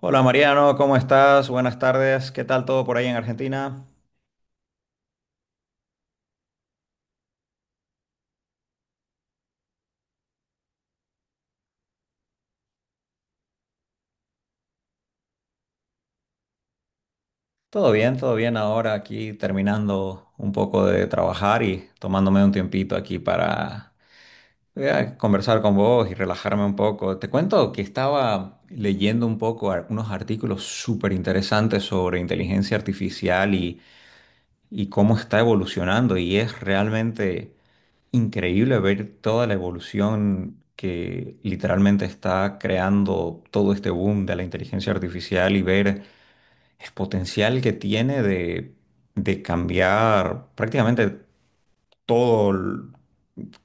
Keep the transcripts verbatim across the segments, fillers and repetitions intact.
Hola Mariano, ¿cómo estás? Buenas tardes. ¿Qué tal todo por ahí en Argentina? Todo bien, todo bien. Ahora aquí terminando un poco de trabajar y tomándome un tiempito aquí para eh, conversar con vos y relajarme un poco. Te cuento que estaba leyendo un poco ar- unos artículos súper interesantes sobre inteligencia artificial y, y cómo está evolucionando y es realmente increíble ver toda la evolución que literalmente está creando todo este boom de la inteligencia artificial y ver el potencial que tiene de, de cambiar prácticamente todo l-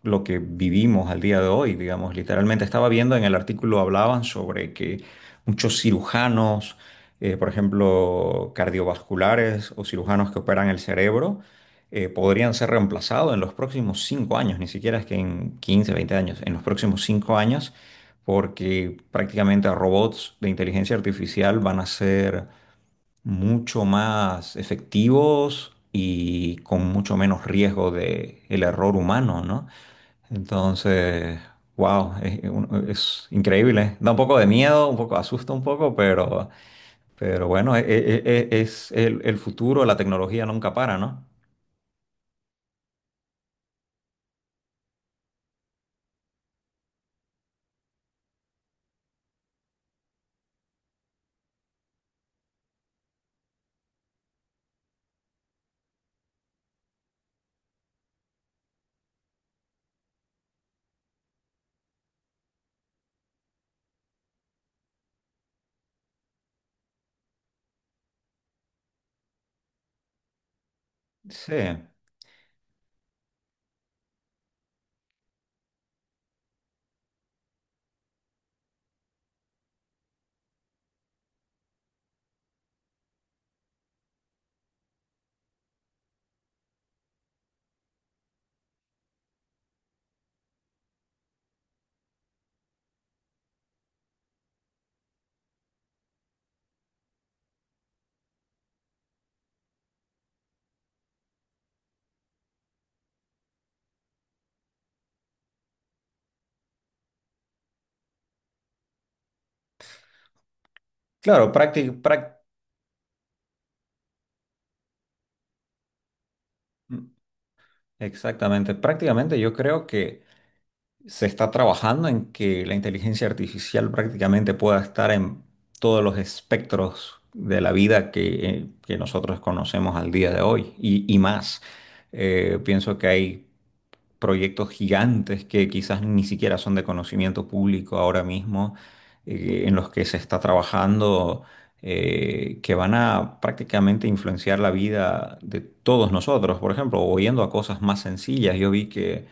lo que vivimos al día de hoy, digamos. Literalmente estaba viendo en el artículo, hablaban sobre que muchos cirujanos, eh, por ejemplo, cardiovasculares, o cirujanos que operan el cerebro, eh, podrían ser reemplazados en los próximos cinco años. Ni siquiera es que en quince, veinte años, en los próximos cinco años, porque prácticamente robots de inteligencia artificial van a ser mucho más efectivos y con mucho menos riesgo de el error humano, ¿no? Entonces, wow, es, es increíble. ¿Eh? Da un poco de miedo, un poco asusta un poco, pero, pero bueno, e- e- e- es, el, el futuro, la tecnología nunca para, ¿no? Sí, claro, prácti- práct- mm, exactamente. Prácticamente yo creo que se está trabajando en que la inteligencia artificial prácticamente pueda estar en todos los espectros de la vida que, eh, que nosotros conocemos al día de hoy y, y más. Eh, pienso que hay proyectos gigantes que quizás ni siquiera son de conocimiento público ahora mismo, eh, en los que se está trabajando, eh, que van a prácticamente influenciar la vida de todos nosotros. Por ejemplo, o yendo a cosas más sencillas, yo vi que,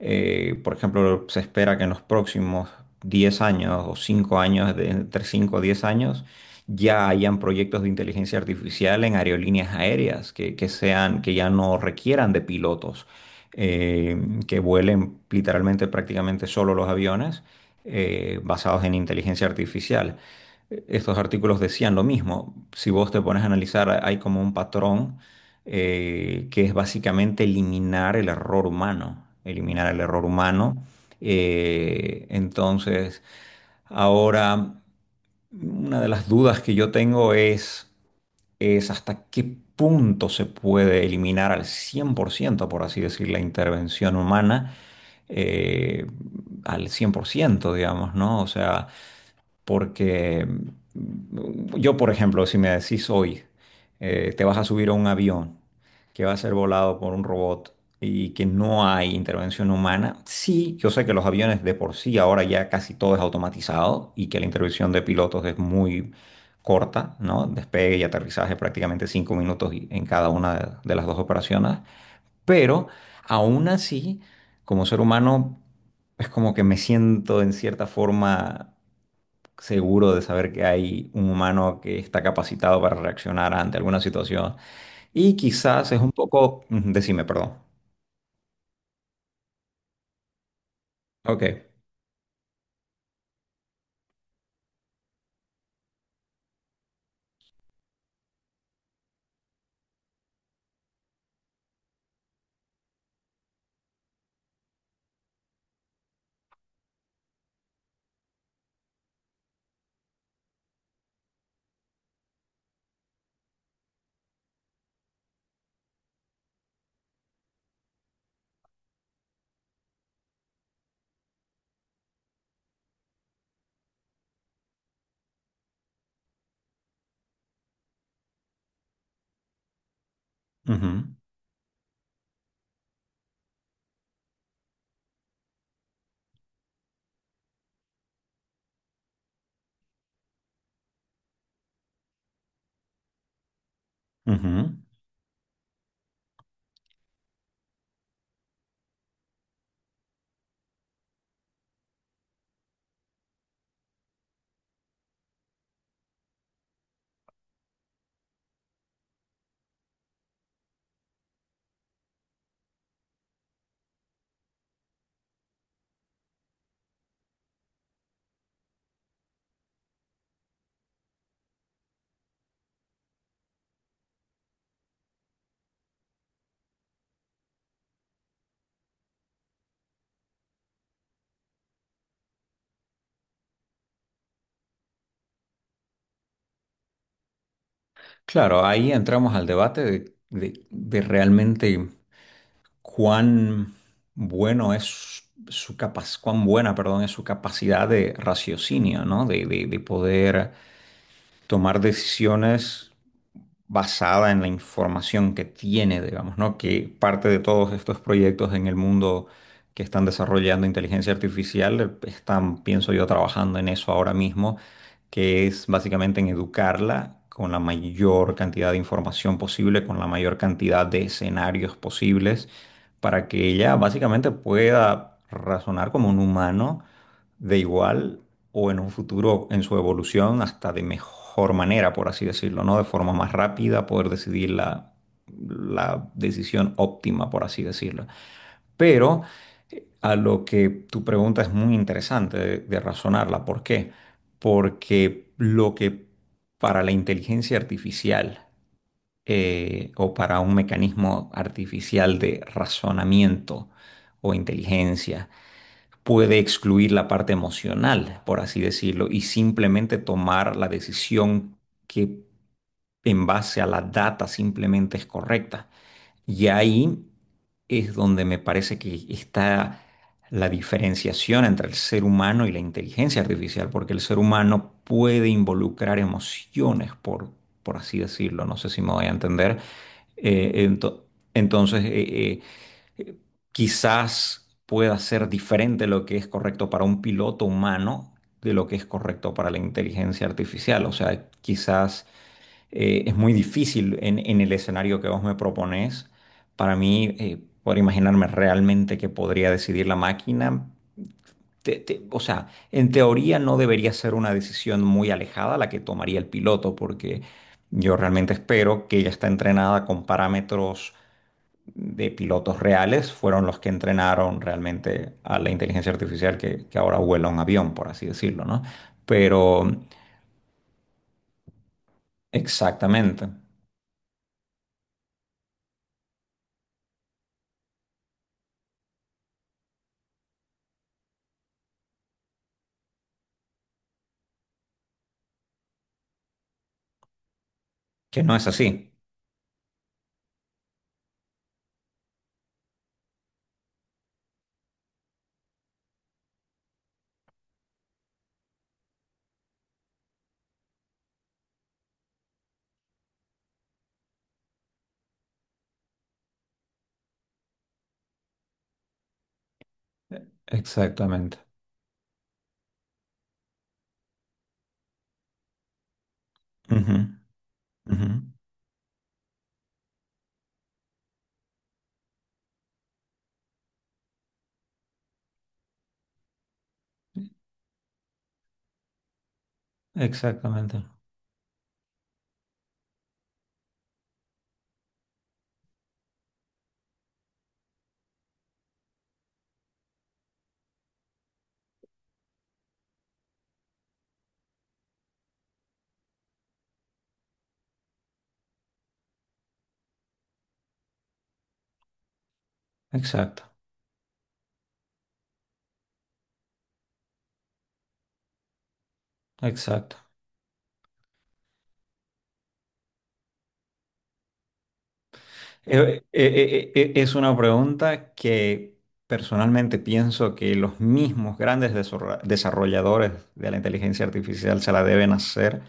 eh, por ejemplo, se espera que en los próximos diez años o cinco años, de, entre cinco o diez años, ya hayan proyectos de inteligencia artificial en aerolíneas aéreas que, que sean, que ya no requieran de pilotos eh, que vuelen literalmente prácticamente solo los aviones, eh, basados en inteligencia artificial. Eh, Estos artículos decían lo mismo. Si vos te pones a analizar, hay como un patrón eh, que es básicamente eliminar el error humano, eliminar el error humano. Eh, entonces, ahora, una de las dudas que yo tengo es es hasta qué punto se puede eliminar al cien por ciento, por así decir, la intervención humana, eh, al cien por ciento, digamos, ¿no? O sea, porque mm, yo, por ejemplo, si me decís hoy, eh, te vas a subir a un avión que va a ser volado por un robot y que no hay intervención humana. Sí, yo sé que los aviones de por sí ahora ya casi todo es automatizado y que la intervención de pilotos es muy corta, ¿no? Despegue y aterrizaje prácticamente cinco minutos y- en cada una de de las dos operaciones, pero aún así, como ser humano, es como que me siento en cierta forma seguro de saber que hay un humano que está capacitado para reaccionar ante alguna situación. Y quizás es un poco, ujú, decime, perdón. Ok. Ujú, ujú. Claro, ahí entramos al debate de, de- de realmente cuán bueno es su capaz, cuán buena, perdón, es su capacidad de raciocinio, ¿no? De, de- de poder tomar decisiones basada en la información que tiene, digamos, ¿no? Que parte de todos estos proyectos en el mundo que están desarrollando inteligencia artificial eh, están, pienso yo, trabajando en eso ahora mismo, que es básicamente en educarla con la mayor cantidad de información posible, con la mayor cantidad de escenarios posibles, para que ella básicamente pueda razonar como un humano de igual o en un futuro en su evolución hasta de mejor manera, por así decirlo, ¿no? De forma más rápida, poder decidir la, la decisión óptima, por así decirlo. Pero eh, a lo que tu pregunta es muy interesante de, de razonarla. ¿Por qué? Porque lo que para la inteligencia artificial eh, o para un mecanismo artificial de razonamiento o inteligencia, puede excluir la parte emocional, por así decirlo, y simplemente tomar la decisión que en base a la data simplemente es correcta. Y ahí es donde me parece que está la diferenciación entre el ser humano y la inteligencia artificial, porque el ser humano puede involucrar emociones, por, por así decirlo, no sé si me voy a entender. Eh, ento- entonces, eh, eh, eh, quizás pueda ser diferente lo que es correcto para un piloto humano de lo que es correcto para la inteligencia artificial. O sea, quizás eh, es muy difícil en, en el escenario que vos me propones para mí, eh, poder imaginarme realmente que podría decidir la máquina. Te- te- o sea, en teoría no debería ser una decisión muy alejada la que tomaría el piloto, porque yo realmente espero que ella está entrenada con parámetros de pilotos reales fueron los que entrenaron realmente a la inteligencia artificial que, que ahora vuela un avión, por así decirlo, ¿no? Pero exactamente, que no es así. Exactamente. Ujú, ujú. Exactamente. Exacto. Exacto. Eh, eh, eh, eh, eh, es una pregunta que personalmente pienso que los mismos grandes desarro- desarrolladores de la inteligencia artificial se la deben hacer.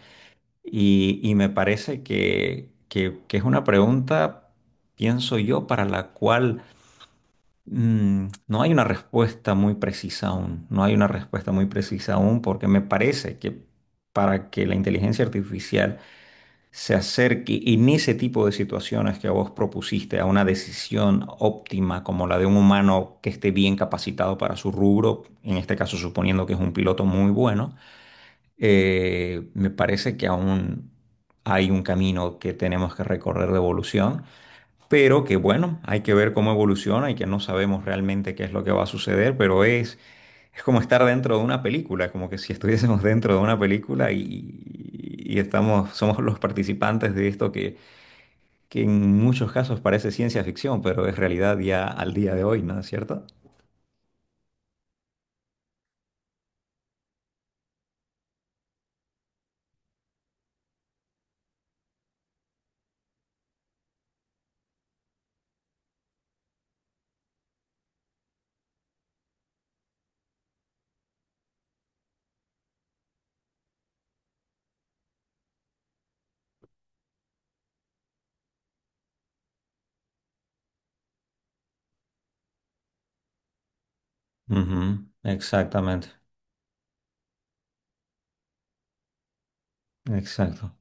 Y, y me parece que, que- que es una pregunta, pienso yo, para la cual mm, no hay una respuesta muy precisa aún. No hay una respuesta muy precisa aún porque me parece que para que la inteligencia artificial se acerque, y en ese tipo de situaciones que vos propusiste, a una decisión óptima como la de un humano que esté bien capacitado para su rubro, en este caso suponiendo que es un piloto muy bueno, eh, me parece que aún hay un camino que tenemos que recorrer de evolución, pero que bueno, hay que ver cómo evoluciona y que no sabemos realmente qué es lo que va a suceder, pero es, es como estar dentro de una película, como que si estuviésemos dentro de una película y, y estamos, somos los participantes de esto que, que en muchos casos parece ciencia ficción, pero es realidad ya al día de hoy, ¿no es cierto? Ujú, exactamente, exacto.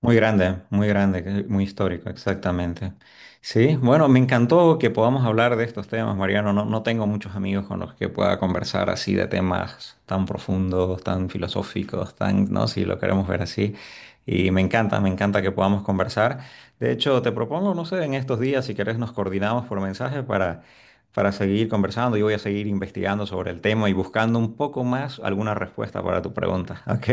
Muy grande, muy grande, que muy histórico, exactamente. Sí, bueno, me encantó que podamos hablar de estos temas, Mariano. No, no tengo muchos amigos con los que pueda conversar así de temas tan profundos, tan filosóficos, tan, ¿no? Si lo queremos ver así. Y me encanta, me encanta que podamos conversar. De hecho, te propongo, no sé, en estos días, si querés, nos coordinamos por mensaje para, para seguir conversando. Yo voy a seguir investigando sobre el tema y buscando un poco más alguna respuesta para tu pregunta. ¿Ok?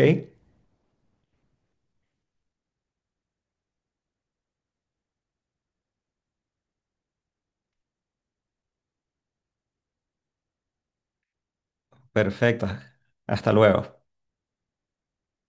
Perfecto. Hasta luego.